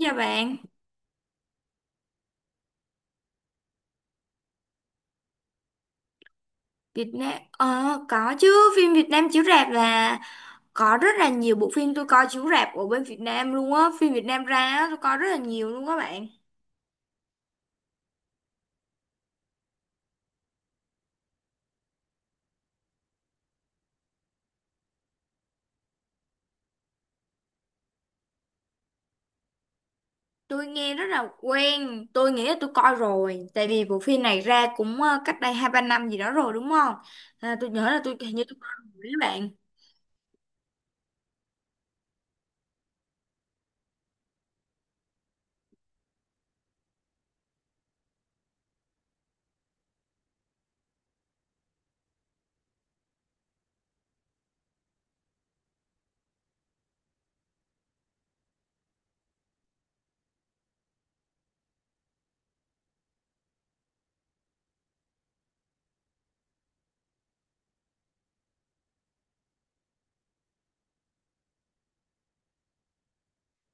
Dạ bạn, Việt Nam có chứ, phim Việt Nam chiếu rạp là có rất là nhiều bộ phim tôi coi chiếu rạp ở bên Việt Nam luôn á, phim Việt Nam ra á, tôi coi rất là nhiều luôn á bạn. Tôi nghe rất là quen, tôi nghĩ là tôi coi rồi, tại vì bộ phim này ra cũng cách đây hai ba năm gì đó rồi đúng không? À, tôi nhớ là hình như tôi coi rồi các bạn.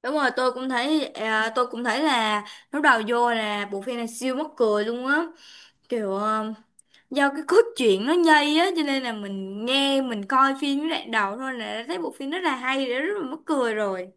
Đúng rồi, tôi cũng thấy tôi cũng thấy là lúc đầu vô là bộ phim này siêu mắc cười luôn á. Kiểu do cái cốt truyện nó nhây á cho nên là mình nghe mình coi phim với đoạn đầu thôi là đã thấy bộ phim rất là hay rồi, rất là mắc cười rồi.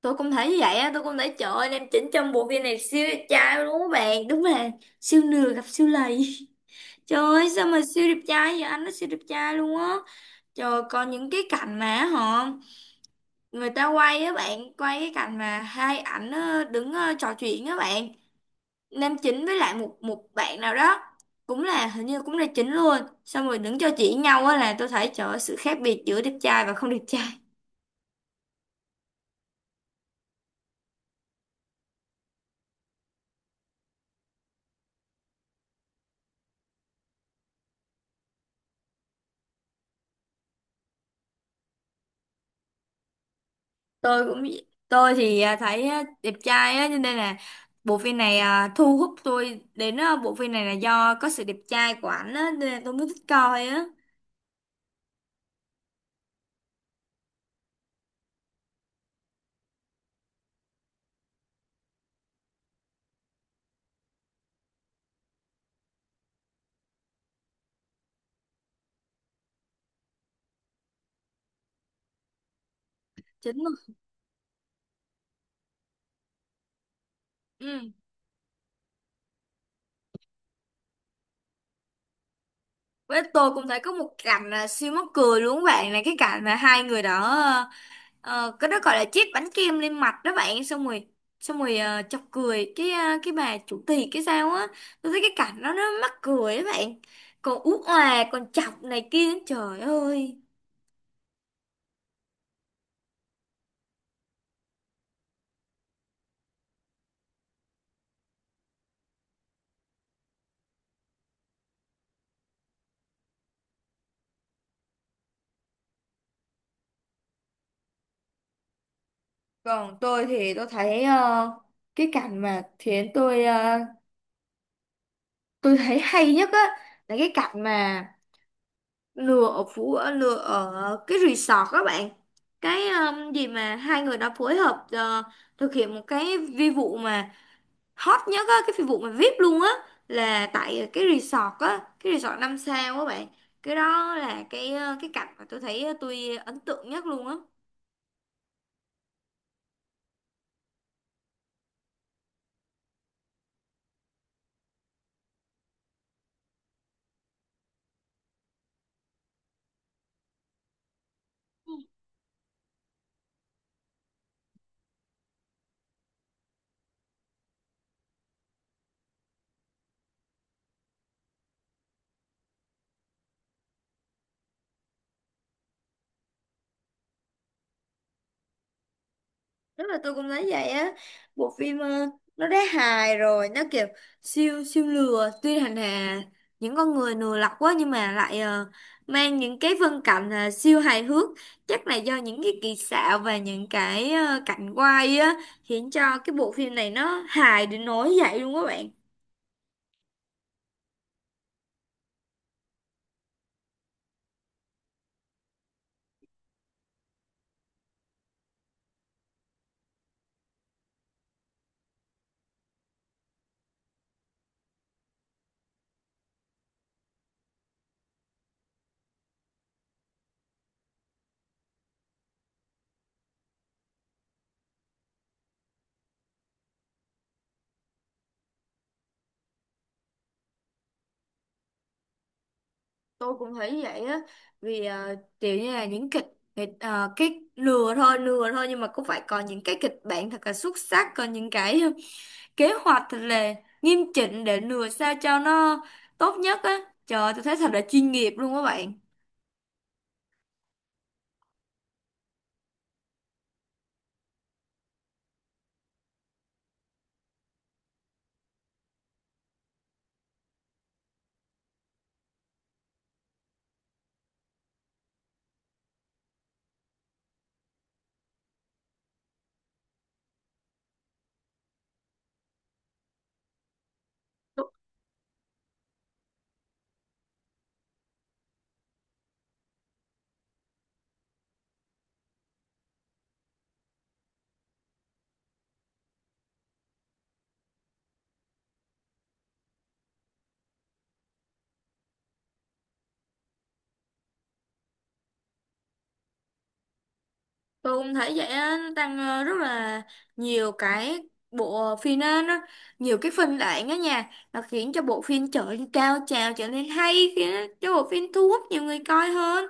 Tôi cũng thấy như vậy á, tôi cũng thấy trời ơi nam chính trong bộ phim này siêu đẹp trai luôn các bạn, đúng là siêu nửa gặp siêu lầy. Trời ơi sao mà siêu đẹp trai vậy, anh nó siêu đẹp trai luôn á trời. Còn những cái cảnh mà người ta quay á bạn, quay cái cảnh mà hai ảnh đứng trò chuyện á bạn, nam chính với lại một một bạn nào đó cũng là, hình như cũng là chính luôn, xong rồi đứng cho chỉ nhau á, là tôi thấy trời ơi, sự khác biệt giữa đẹp trai và không đẹp trai. Tôi cũng, tôi thì thấy đẹp trai á cho nên là bộ phim này, thu hút tôi đến, bộ phim này là do có sự đẹp trai của ảnh á nên là tôi mới thích coi á. Chính luôn. Ừ, với tôi cũng thấy có một cảnh là siêu mắc cười luôn các bạn, là cái cảnh mà hai người đó à, ờ, cái đó gọi là chiếc bánh kem lên mặt đó bạn, xong rồi chọc cười cái cái bà chủ tiệc cái sao á, tôi thấy cái cảnh đó nó mắc cười đó bạn, còn ú òa còn chọc này kia trời ơi. Còn tôi thì tôi thấy cái cảnh mà khiến tôi tôi thấy hay nhất á, là cái cảnh mà lừa ở phú ở lừa ở cái resort các bạn, cái gì mà hai người đó phối hợp thực hiện một cái vi vụ mà hot nhất á, cái vụ mà VIP luôn á, là tại cái resort á, cái resort năm sao á bạn. Cái đó là cái cái cảnh mà tôi thấy tôi ấn tượng nhất luôn á. Rất là, tôi cũng thấy vậy á, bộ phim nó đã hài rồi, nó kiểu siêu siêu lừa tuy hành hà những con người lừa lọc quá nhưng mà lại mang những cái phân cảnh siêu hài hước, chắc là do những cái kỹ xảo và những cái cảnh quay á, khiến cho cái bộ phim này nó hài đến nỗi vậy luôn các bạn. Tôi cũng thấy vậy á, vì kiểu như là những kịch kịch ờ, cái lừa thôi nhưng mà cũng phải có những cái kịch bản thật là xuất sắc, có những cái kế hoạch thật là nghiêm chỉnh để lừa sao cho nó tốt nhất á. Trời ơi, tôi thấy thật là chuyên nghiệp luôn các bạn. Tôi cũng thấy vậy á, nó tăng rất là nhiều cái, bộ phim á, nó nhiều cái phân đoạn á nha, nó khiến cho bộ phim trở nên cao trào, trở nên hay, khiến cho bộ phim thu hút nhiều người coi hơn.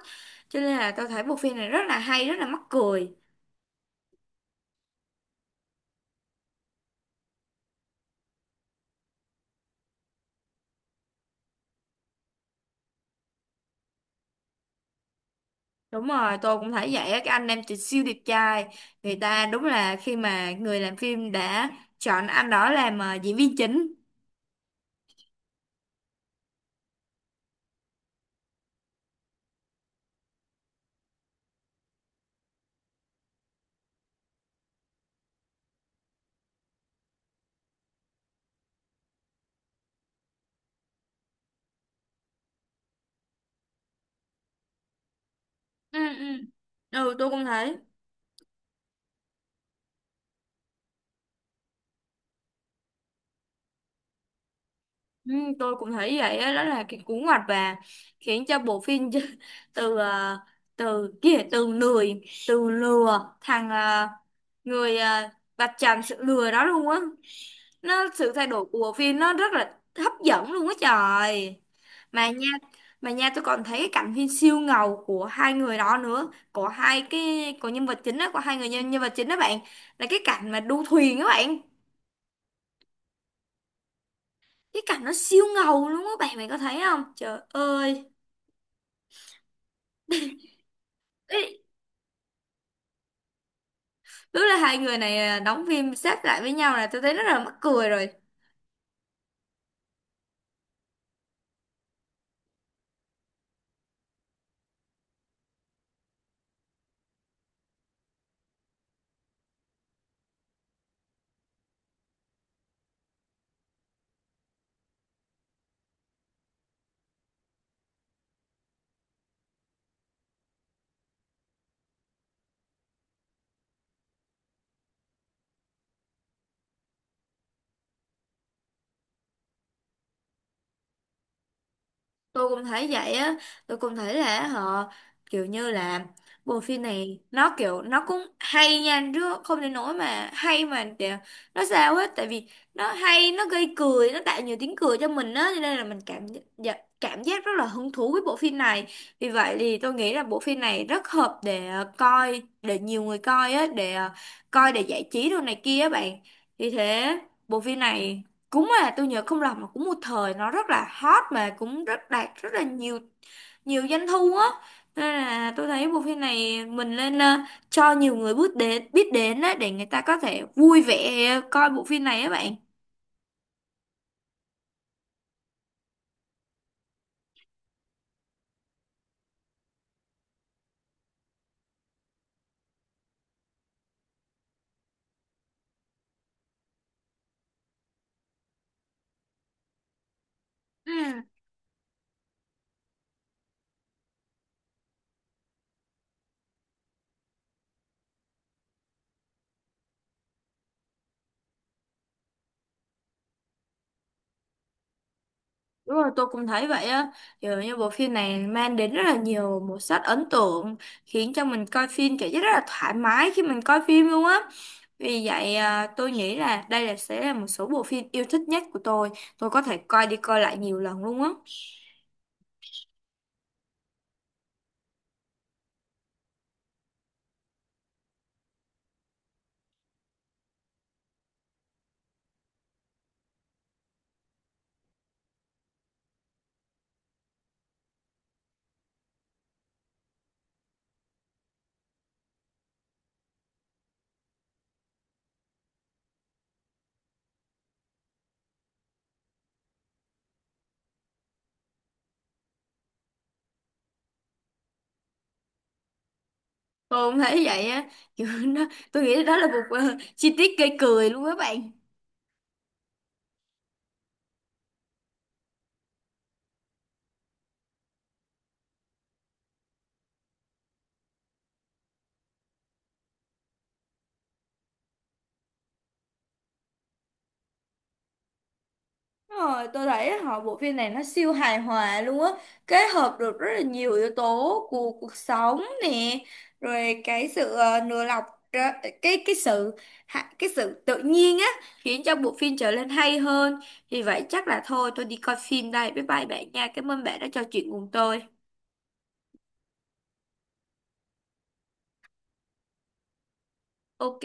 Cho nên là tôi thấy bộ phim này rất là hay, rất là mắc cười. Đúng rồi, tôi cũng thấy vậy á, cái anh em chị siêu đẹp trai, người ta đúng là khi mà người làm phim đã chọn anh đó làm diễn viên chính. Ừ, ừ. Ừ, tôi cũng thấy. Ừ, tôi cũng thấy vậy á, đó là cái cú ngoặt và khiến cho bộ phim từ à, từ kia từ lười từ lừa thằng à, người à, vạch trần sự lừa đó luôn á, nó sự thay đổi của bộ phim nó rất là hấp dẫn luôn á trời. Mà nha mà nha tôi còn thấy cái cảnh phim siêu ngầu của hai người đó nữa, của hai cái, của nhân vật chính đó, của hai người nhân vật chính đó bạn, là cái cảnh mà đu thuyền đó bạn. Cái cảnh nó siêu ngầu luôn á bạn, bạn có thấy không trời ơi. Ý, tức là hai người này đóng phim sát lại với nhau là tôi thấy rất là mắc cười rồi. Tôi cũng thấy vậy á, tôi cũng thấy là họ kiểu như là bộ phim này nó kiểu nó cũng hay nha, chứ không đến nỗi mà hay mà để nó sao hết, tại vì nó hay, nó gây cười, nó tạo nhiều tiếng cười cho mình á, cho nên là mình cảm, dạ, cảm giác rất là hứng thú với bộ phim này. Vì vậy thì tôi nghĩ là bộ phim này rất hợp để coi, để nhiều người coi á, để coi để giải trí đồ này kia á bạn. Vì thế bộ phim này cúng, tôi nhớ không lầm là cũng một thời nó rất là hot mà cũng rất đạt rất là nhiều nhiều doanh thu á. Nên là tôi thấy bộ phim này mình nên cho nhiều người biết đến á để người ta có thể vui vẻ coi bộ phim này á bạn. Ừ. Đúng rồi, tôi cũng thấy vậy á. Kiểu như bộ phim này mang đến rất là nhiều màu sắc ấn tượng, khiến cho mình coi phim cảm giác rất là thoải mái khi mình coi phim luôn á. Vì vậy tôi nghĩ là đây là sẽ là một số bộ phim yêu thích nhất của tôi. Tôi có thể coi đi coi lại nhiều lần luôn á. Tôi cũng thấy vậy á. Kiểu nó, tôi nghĩ đó là một chi tiết gây cười luôn các bạn. Đúng rồi, tôi thấy họ bộ phim này nó siêu hài hòa luôn á, kết hợp được rất là nhiều yếu tố của cuộc sống nè, rồi cái sự nửa lọc ra- cái sự cái sự tự nhiên á, khiến cho bộ phim trở nên hay hơn. Vì vậy chắc là thôi tôi đi coi phim đây. Bye bye bạn nha. Cảm ơn bạn đã trò chuyện cùng tôi. Ok.